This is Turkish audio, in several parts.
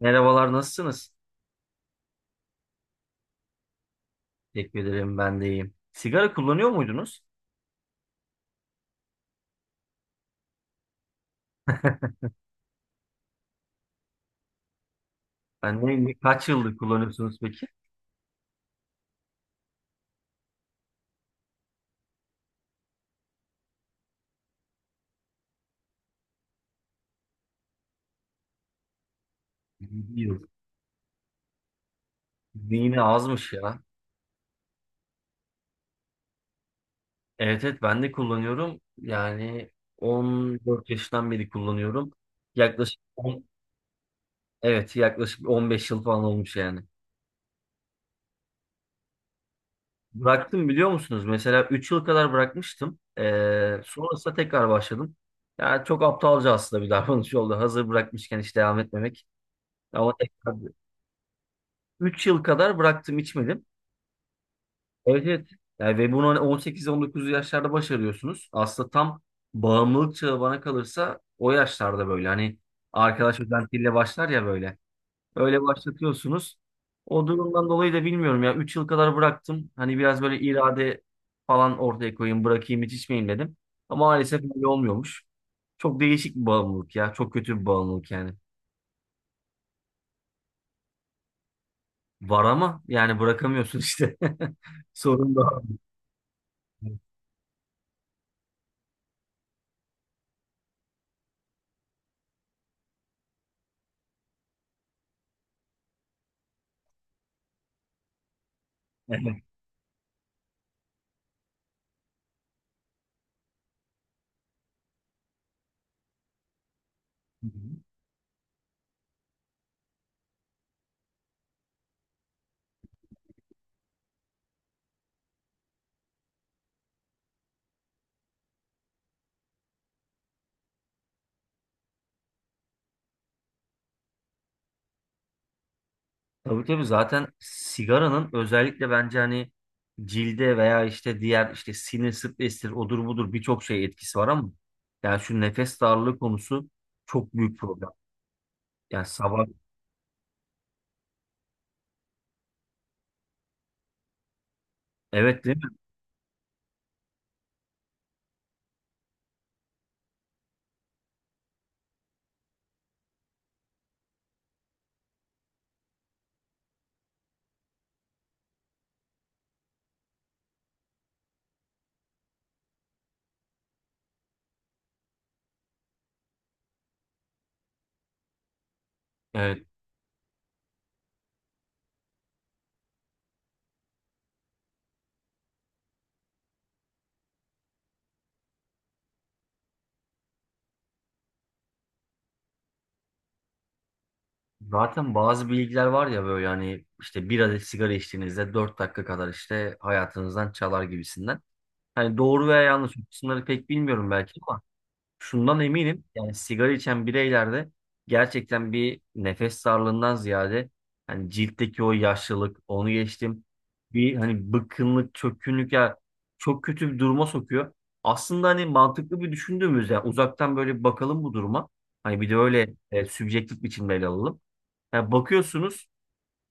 Merhabalar, nasılsınız? Teşekkür ederim, ben de iyiyim. Sigara kullanıyor muydunuz? Ben de kaç yıldır kullanıyorsunuz peki? Bir yıl. Yine azmış ya. Evet evet, ben de kullanıyorum. Yani 14 yaşından beri kullanıyorum. Yaklaşık evet, yaklaşık 15 yıl falan olmuş yani. Bıraktım biliyor musunuz? Mesela 3 yıl kadar bırakmıştım. Sonrasında tekrar başladım. Yani çok aptalca aslında bir davranış oldu. Hazır bırakmışken hiç devam etmemek. Ama tekrar 3 yıl kadar bıraktım, içmedim. Evet, evet. Yani ve bunu hani 18-19 yaşlarda başarıyorsunuz. Aslında tam bağımlılık çağı bana kalırsa o yaşlarda, böyle hani arkadaş özentiyle başlar ya böyle. Öyle başlatıyorsunuz. O durumdan dolayı da bilmiyorum ya, 3 yıl kadar bıraktım. Hani biraz böyle irade falan ortaya koyayım, bırakayım, hiç içmeyeyim dedim. Ama maalesef öyle olmuyormuş. Çok değişik bir bağımlılık ya. Çok kötü bir bağımlılık yani. Var ama yani bırakamıyorsun işte. Sorun da o. Evet. Tabii tabii, zaten sigaranın özellikle bence hani cilde veya işte diğer işte sinir stresidir, odur budur, birçok şey etkisi var, ama yani şu nefes darlığı konusu çok büyük problem. Yani sabah, evet, değil mi? Evet. Zaten bazı bilgiler var ya, böyle hani işte bir adet sigara içtiğinizde 4 dakika kadar işte hayatınızdan çalar gibisinden. Hani doğru veya yanlış, bu kısımları pek bilmiyorum belki. Şundan eminim, yani sigara içen bireylerde gerçekten bir nefes darlığından ziyade hani ciltteki o yaşlılık, onu geçtim, bir hani bıkkınlık, çökkünlük ya, çok kötü bir duruma sokuyor. Aslında hani mantıklı bir düşündüğümüz, yani uzaktan böyle bir bakalım bu duruma. Hani bir de öyle sübjektif biçimde ele alalım. Yani bakıyorsunuz.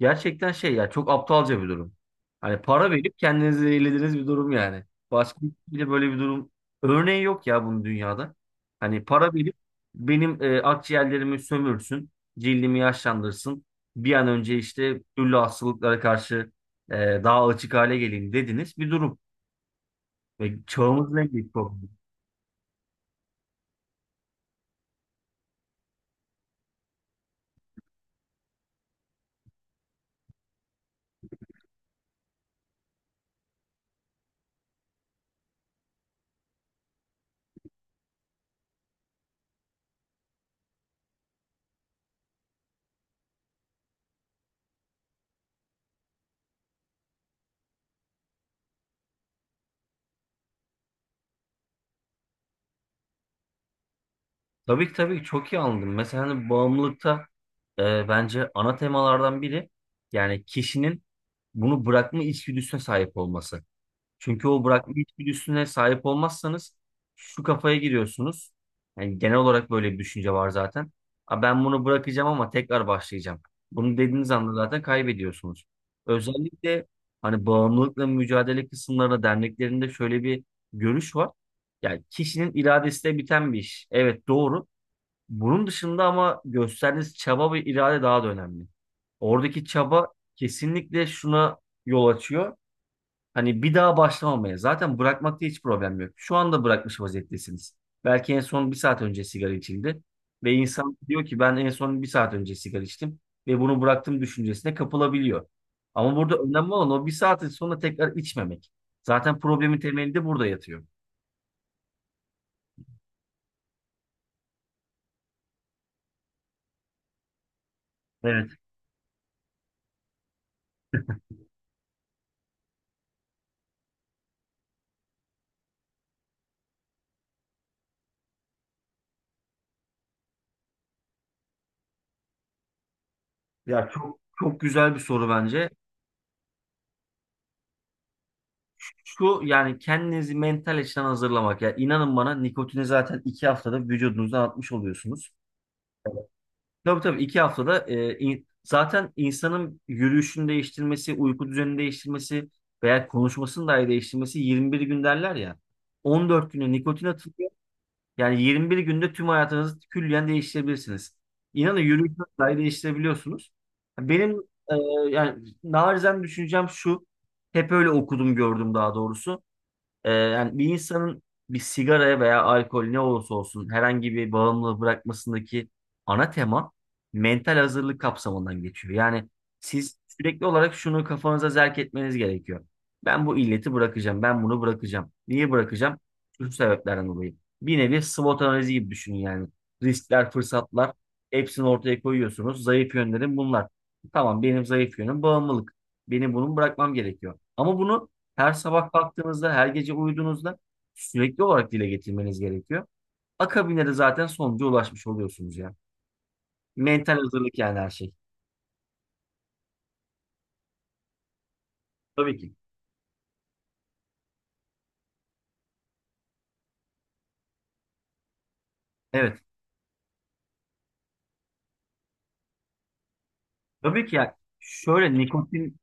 Gerçekten şey ya, çok aptalca bir durum. Hani para verip kendinizi eğlediğiniz bir durum yani. Başka hiçbir böyle bir durum örneği yok ya bunun dünyada. Hani para verip benim akciğerlerimi sömürsün, cildimi yaşlandırsın. Bir an önce işte türlü hastalıklara karşı e, daha açık hale geleyim dediniz bir durum. Ve çağımızın en büyük problemi. Tabii ki, tabii ki, çok iyi anladım. Mesela hani bağımlılıkta bence ana temalardan biri, yani kişinin bunu bırakma içgüdüsüne sahip olması. Çünkü o bırakma içgüdüsüne sahip olmazsanız şu kafaya giriyorsunuz. Yani genel olarak böyle bir düşünce var zaten. "Aa, ben bunu bırakacağım ama tekrar başlayacağım." Bunu dediğiniz anda zaten kaybediyorsunuz. Özellikle hani bağımlılıkla mücadele kısımlarında, derneklerinde şöyle bir görüş var. Yani kişinin iradesiyle biten bir iş. Evet, doğru. Bunun dışında ama gösterdiğiniz çaba ve irade daha da önemli. Oradaki çaba kesinlikle şuna yol açıyor. Hani bir daha başlamamaya. Zaten bırakmakta hiç problem yok. Şu anda bırakmış vaziyettesiniz. Belki en son bir saat önce sigara içildi. Ve insan diyor ki, ben en son bir saat önce sigara içtim. Ve bunu bıraktım düşüncesine kapılabiliyor. Ama burada önemli olan o bir saatin sonra tekrar içmemek. Zaten problemin temelinde burada yatıyor. Evet. Ya çok çok güzel bir soru bence. Şu, yani kendinizi mental açıdan hazırlamak. Ya inanın bana, nikotini zaten 2 haftada vücudunuzdan atmış oluyorsunuz. Evet. Tabii tabii, 2 haftada zaten insanın yürüyüşünü değiştirmesi, uyku düzenini değiştirmesi veya konuşmasını dahi değiştirmesi, 21 gün derler ya. 14 güne nikotin atılıyor. Yani 21 günde tüm hayatınızı külliyen değiştirebilirsiniz. İnanın, yürüyüşünü dahi değiştirebiliyorsunuz. Benim e, yani narizen düşüncem şu. Hep öyle okudum, gördüm daha doğrusu. Yani bir insanın bir sigaraya veya alkol, ne olursa olsun herhangi bir bağımlılığı bırakmasındaki ana tema mental hazırlık kapsamından geçiyor. Yani siz sürekli olarak şunu kafanıza zerk etmeniz gerekiyor. Ben bu illeti bırakacağım, ben bunu bırakacağım. Niye bırakacağım? Şu sebeplerden dolayı. Bir nevi SWOT analizi gibi düşünün yani. Riskler, fırsatlar, hepsini ortaya koyuyorsunuz. Zayıf yönlerim bunlar. Tamam, benim zayıf yönüm bağımlılık. Benim bunu bırakmam gerekiyor. Ama bunu her sabah kalktığınızda, her gece uyuduğunuzda sürekli olarak dile getirmeniz gerekiyor. Akabinde de zaten sonuca ulaşmış oluyorsunuz ya. Mental hazırlık, yani her şey. Tabii ki. Evet. Tabii ki, ya şöyle nikotin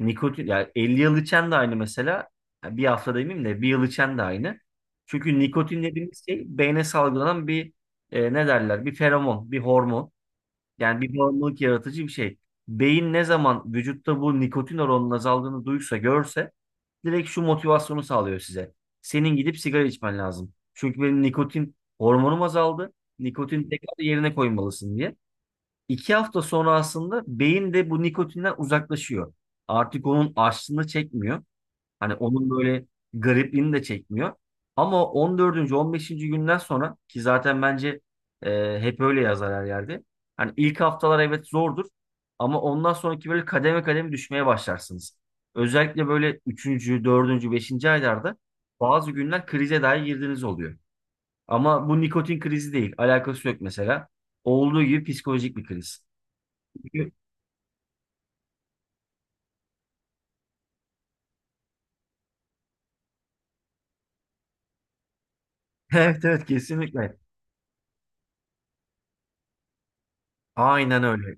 nikotin yani 50 yıl içen de aynı mesela. Ya bir hafta demeyeyim de, bir yıl içen de aynı. Çünkü nikotin dediğimiz şey beyne salgılanan bir ne derler? Bir feromon, bir hormon. Yani bir bağımlılık yaratıcı bir şey. Beyin ne zaman vücutta bu nikotin oranının azaldığını duysa, görse direkt şu motivasyonu sağlıyor size. Senin gidip sigara içmen lazım. Çünkü benim nikotin hormonum azaldı. Nikotin tekrar yerine koymalısın diye. 2 hafta sonra aslında beyin de bu nikotinden uzaklaşıyor. Artık onun açlığını çekmiyor. Hani onun böyle garipliğini de çekmiyor. Ama 14. 15. günden sonra ki, zaten bence hep öyle yazar her yerde. Hani ilk haftalar evet zordur, ama ondan sonraki böyle kademe kademe düşmeye başlarsınız. Özellikle böyle üçüncü, dördüncü, beşinci aylarda bazı günler krize dahi girdiğiniz oluyor. Ama bu nikotin krizi değil. Alakası yok mesela. Olduğu gibi psikolojik bir kriz. Evet evet, kesinlikle. Aynen öyle.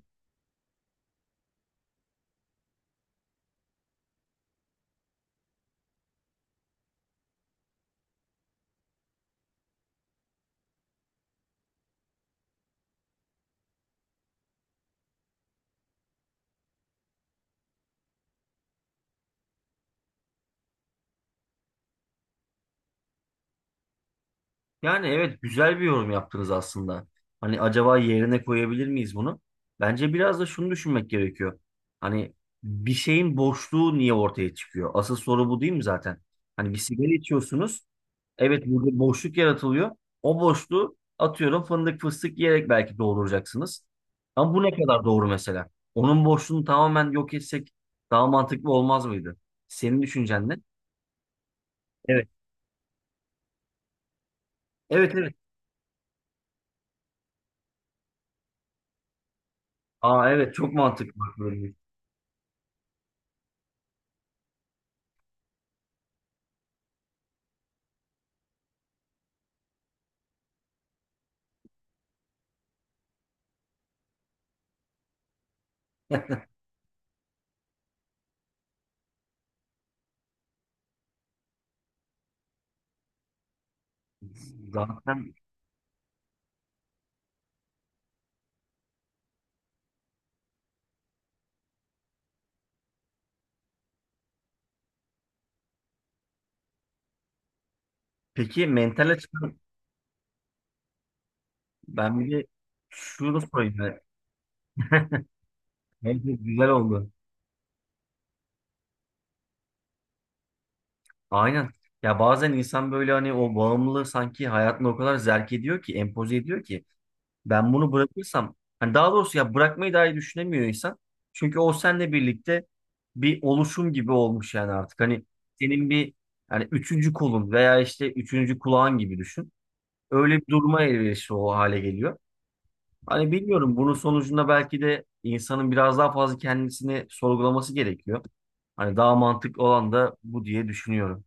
Yani evet, güzel bir yorum yaptınız aslında. Hani acaba yerine koyabilir miyiz bunu? Bence biraz da şunu düşünmek gerekiyor. Hani bir şeyin boşluğu niye ortaya çıkıyor? Asıl soru bu değil mi zaten? Hani bir sigara içiyorsunuz. Evet, burada boşluk yaratılıyor. O boşluğu, atıyorum, fındık fıstık yiyerek belki dolduracaksınız. Ama bu ne kadar doğru mesela? Onun boşluğunu tamamen yok etsek daha mantıklı olmaz mıydı? Senin düşüncen ne? Evet. Evet evet. Aa, evet, çok mantıklı. Bak böyle. Zaten, peki mental açıdan ben bir de şunu sorayım ya. Bence güzel oldu. Aynen. Ya bazen insan böyle hani o bağımlılığı sanki hayatına o kadar zerk ediyor ki, empoze ediyor ki. Ben bunu bırakırsam, hani daha doğrusu ya, bırakmayı dahi düşünemiyor insan. Çünkü o seninle birlikte bir oluşum gibi olmuş yani artık. Hani senin bir, yani üçüncü kolun veya işte üçüncü kulağın gibi düşün. Öyle bir duruma elverişli o hale geliyor. Hani bilmiyorum, bunun sonucunda belki de insanın biraz daha fazla kendisini sorgulaması gerekiyor. Hani daha mantıklı olan da bu diye düşünüyorum.